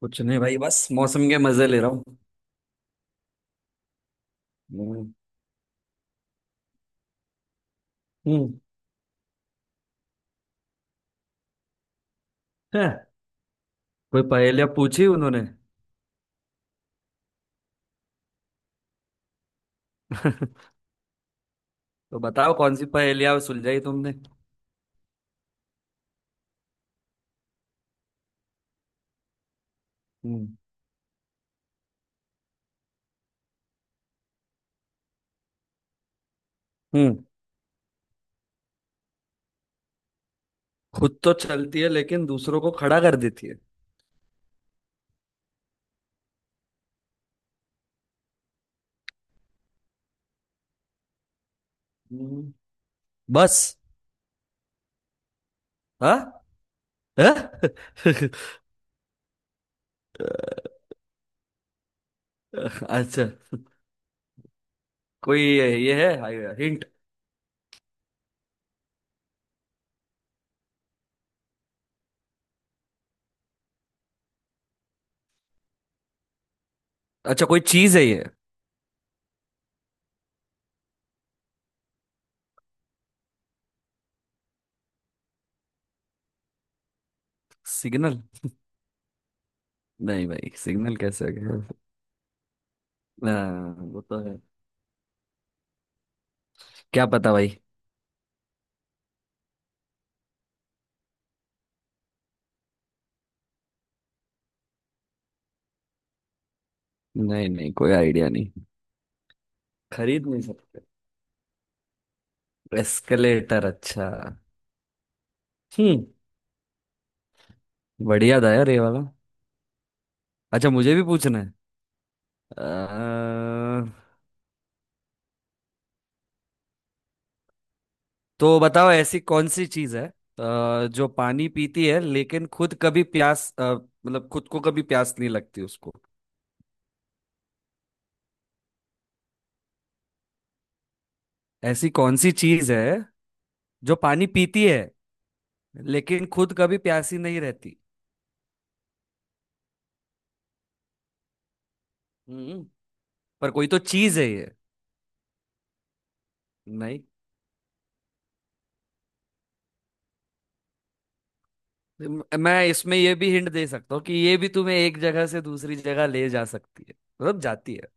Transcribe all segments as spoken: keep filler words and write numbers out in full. कुछ नहीं भाई, बस मौसम के मजे ले रहा हूँ। हम्म। हम्म, है। कोई पहेलियाँ पूछी उन्होंने? तो बताओ कौन सी पहेलियाँ सुलझाई तुमने। हम्म। हम्म, खुद तो चलती है लेकिन दूसरों को खड़ा कर देती है। हम्म। बस। हाँ। हाँ? अच्छा, कोई ये है हिंट? अच्छा, कोई चीज है ये? सिग्नल। नहीं भाई, सिग्नल कैसे है? हाँ, वो तो है। क्या पता भाई। नहीं नहीं, कोई आइडिया नहीं। खरीद नहीं सकते। एस्केलेटर, अच्छा। हम्म। बढ़िया था यार ये वाला। अच्छा, मुझे भी पूछना है। अ, तो बताओ, ऐसी कौन सी चीज है अ, जो पानी पीती है लेकिन खुद कभी प्यास, अ, मतलब खुद को कभी प्यास नहीं लगती उसको। ऐसी कौन सी चीज है जो पानी पीती है लेकिन खुद कभी प्यासी नहीं रहती। हम्म, पर कोई तो चीज है ये। नहीं। म- मैं इसमें ये भी हिंट दे सकता हूँ कि ये भी तुम्हें एक जगह से दूसरी जगह ले जा सकती है, मतलब जाती है।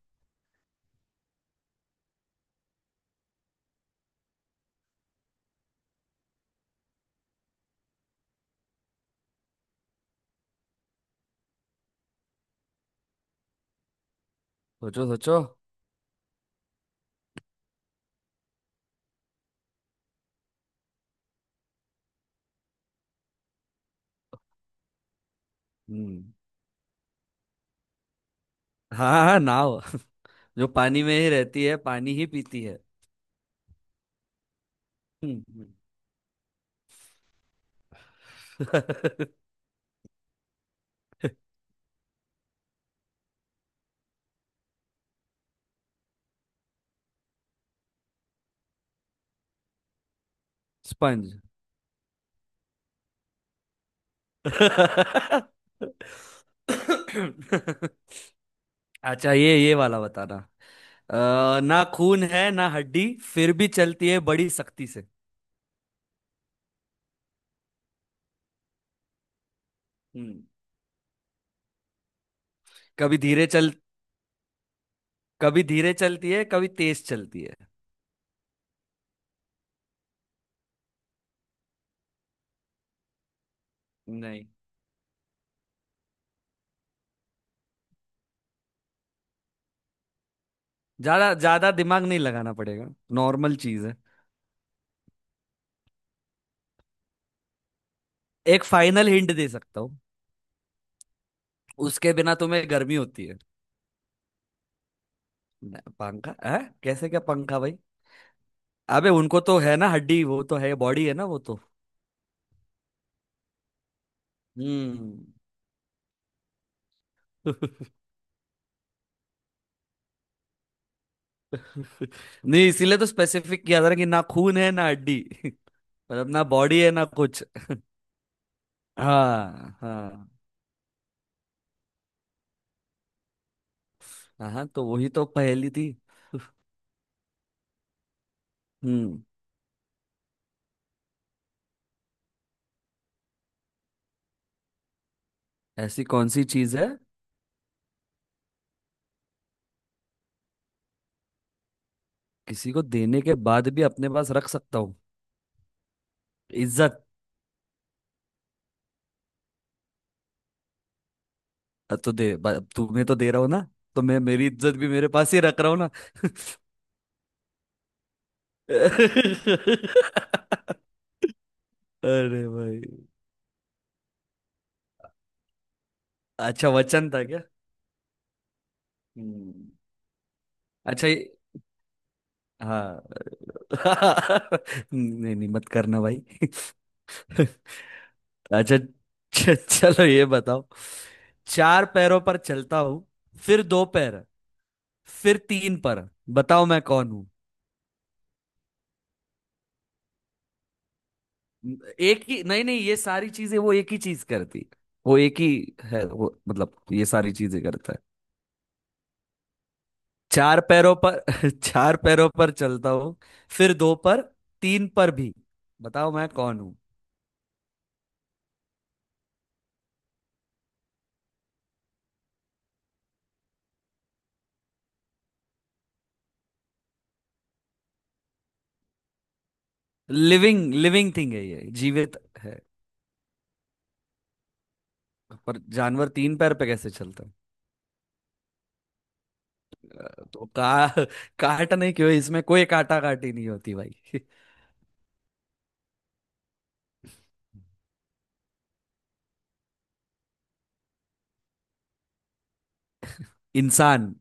सोचो सोचो। हम्म, हाँ हाँ, नाव। जो पानी में ही रहती है, पानी ही पीती है। हम्म। स्पंज। अच्छा ये ये वाला बताना। अ, ना खून है ना हड्डी, फिर भी चलती है बड़ी सख्ती से। हम्म। कभी धीरे चल कभी धीरे चलती है, कभी तेज चलती है। नहीं। ज्यादा ज्यादा दिमाग नहीं लगाना पड़ेगा, नॉर्मल चीज है। एक फाइनल हिंट दे सकता हूँ। उसके बिना तुम्हें गर्मी होती है। न- पंखा है कैसे, क्या पंखा भाई? अबे उनको तो है ना हड्डी, वो तो है बॉडी है ना वो तो। हम्म। नहीं, इसीलिए तो स्पेसिफिक किया था ना कि ना खून है ना हड्डी, मतलब ना बॉडी है ना कुछ। हाँ हाँ, हाँ तो वही तो पहेली थी। हम्म। ऐसी कौन सी चीज है किसी को देने के बाद भी अपने पास रख सकता हूँ? इज्जत। तो दे ब- तुम्हें तो दे रहा हूँ ना, तो मैं मेरी इज्जत भी मेरे पास ही रख रहा हूँ ना। अरे भाई, अच्छा वचन था क्या? हम्म, अच्छा ये। हाँ। नहीं नहीं, मत करना भाई। अच्छा च- चलो ये बताओ। चार पैरों पर चलता हूँ, फिर दो पैर, फिर तीन पर। बताओ मैं कौन हूँ। एक ही, नहीं नहीं, ये सारी चीजें, वो एक ही चीज करती, वो एक ही है वो, मतलब ये सारी चीजें करता है। चार पैरों पर। चार पैरों पर चलता हूँ, फिर दो पर, तीन पर भी। बताओ मैं कौन। लिविंग लिविंग थिंग है ये, जीवित है। पर जानवर तीन पैर पे कैसे चलता है? तो का काट नहीं, क्यों इसमें कोई काटा काटी नहीं होती भाई। इंसान।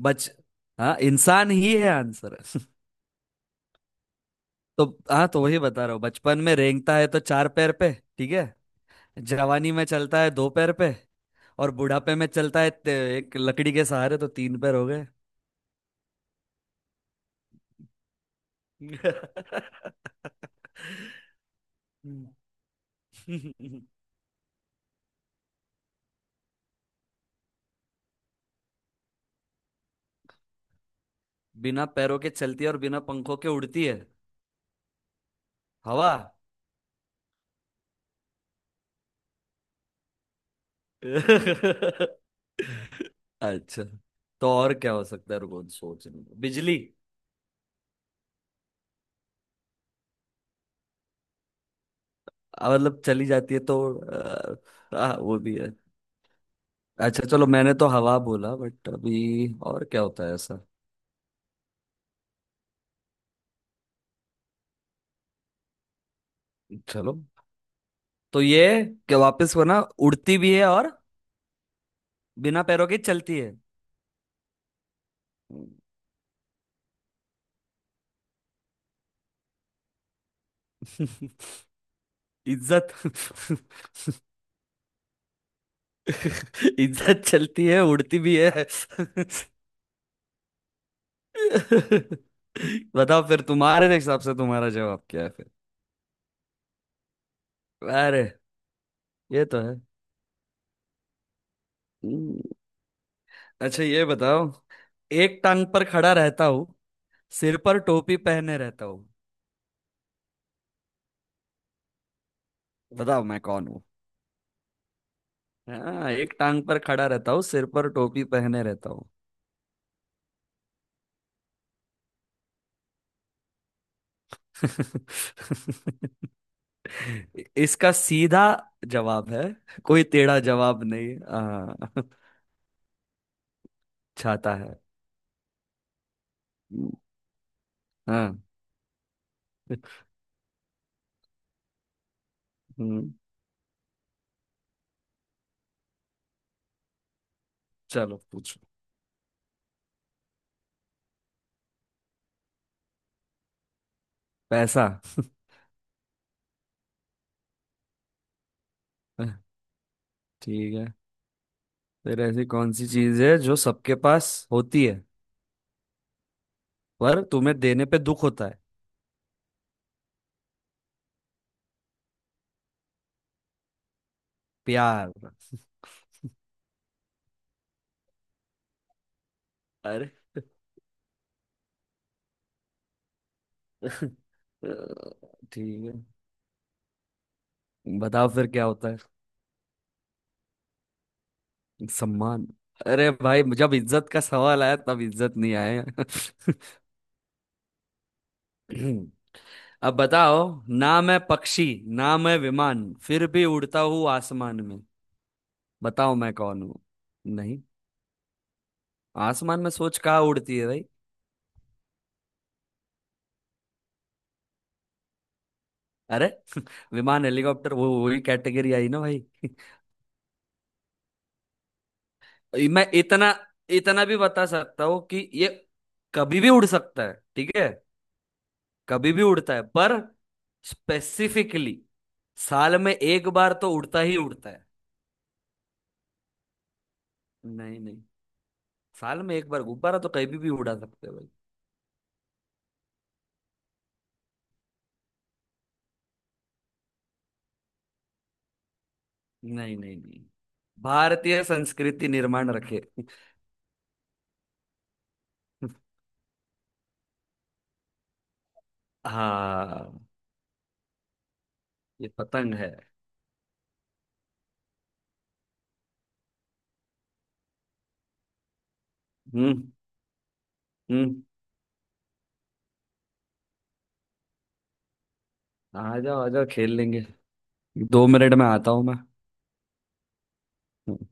बच हाँ, इंसान ही है आंसर। तो, हाँ तो वही बता रहा हूँ, बचपन में रेंगता है तो चार पैर पे। ठीक है। जवानी में चलता है दो पैर पे, और बुढ़ापे में चलता है ते- एक लकड़ी के सहारे तो तीन पैर हो गए। हम्म। बिना पैरों के चलती है और बिना पंखों के उड़ती है। हवा। अच्छा, तो और क्या हो सकता है, रुको सोचने दो। बिजली। आ, मतलब चली जाती है तो, आ, आ, वो भी है। अच्छा चलो, मैंने तो हवा बोला, बट अभी और क्या होता है ऐसा? चलो, तो ये क्या वापस वो ना, उड़ती भी है और, बिना पैरों के चलती है। इज्जत। इज्जत चलती है, उड़ती भी है। बताओ फिर तुम्हारे हिसाब से तुम्हारा जवाब क्या है फिर? अरे, ये तो है। हम्म, अच्छा ये बताओ। एक टांग पर खड़ा रहता हूँ, सिर पर टोपी पहने रहता हूँ। बताओ मैं कौन हूँ। हाँ, एक टांग पर खड़ा रहता हूँ, सिर पर टोपी पहने रहता हूँ। इसका सीधा जवाब है, कोई टेढ़ा जवाब नहीं, हाँ छाता है। हाँ। हम्म, चलो पूछो। पैसा। ठीक है, फिर ऐसी कौन सी चीज है जो सबके पास होती है पर तुम्हें देने पे दुख होता है? प्यार। अरे। ठीक है, बताओ फिर क्या होता है? सम्मान। अरे भाई, जब इज्जत का सवाल आया तब इज्जत नहीं आया। अब बताओ। ना मैं पक्षी, ना मैं विमान, फिर भी उड़ता हूँ आसमान में। बताओ मैं कौन हूँ। नहीं, आसमान में सोच कहाँ उड़ती है भाई? अरे। विमान हेलीकॉप्टर वो वही कैटेगरी आई ना भाई। मैं इतना इतना भी बता सकता हूँ कि ये कभी भी उड़ सकता है, ठीक है? कभी भी उड़ता है, पर स्पेसिफिकली साल में एक बार तो उड़ता ही उड़ता है। नहीं नहीं, साल में एक बार गुब्बारा तो कभी भी उड़ा सकते हो भाई। नहीं नहीं नहीं, भारतीय संस्कृति निर्माण रखे। हाँ, ये पतंग है। हम्म। हम्म। आ जाओ आ जाओ, खेल लेंगे। दो मिनट में आता हूँ मैं।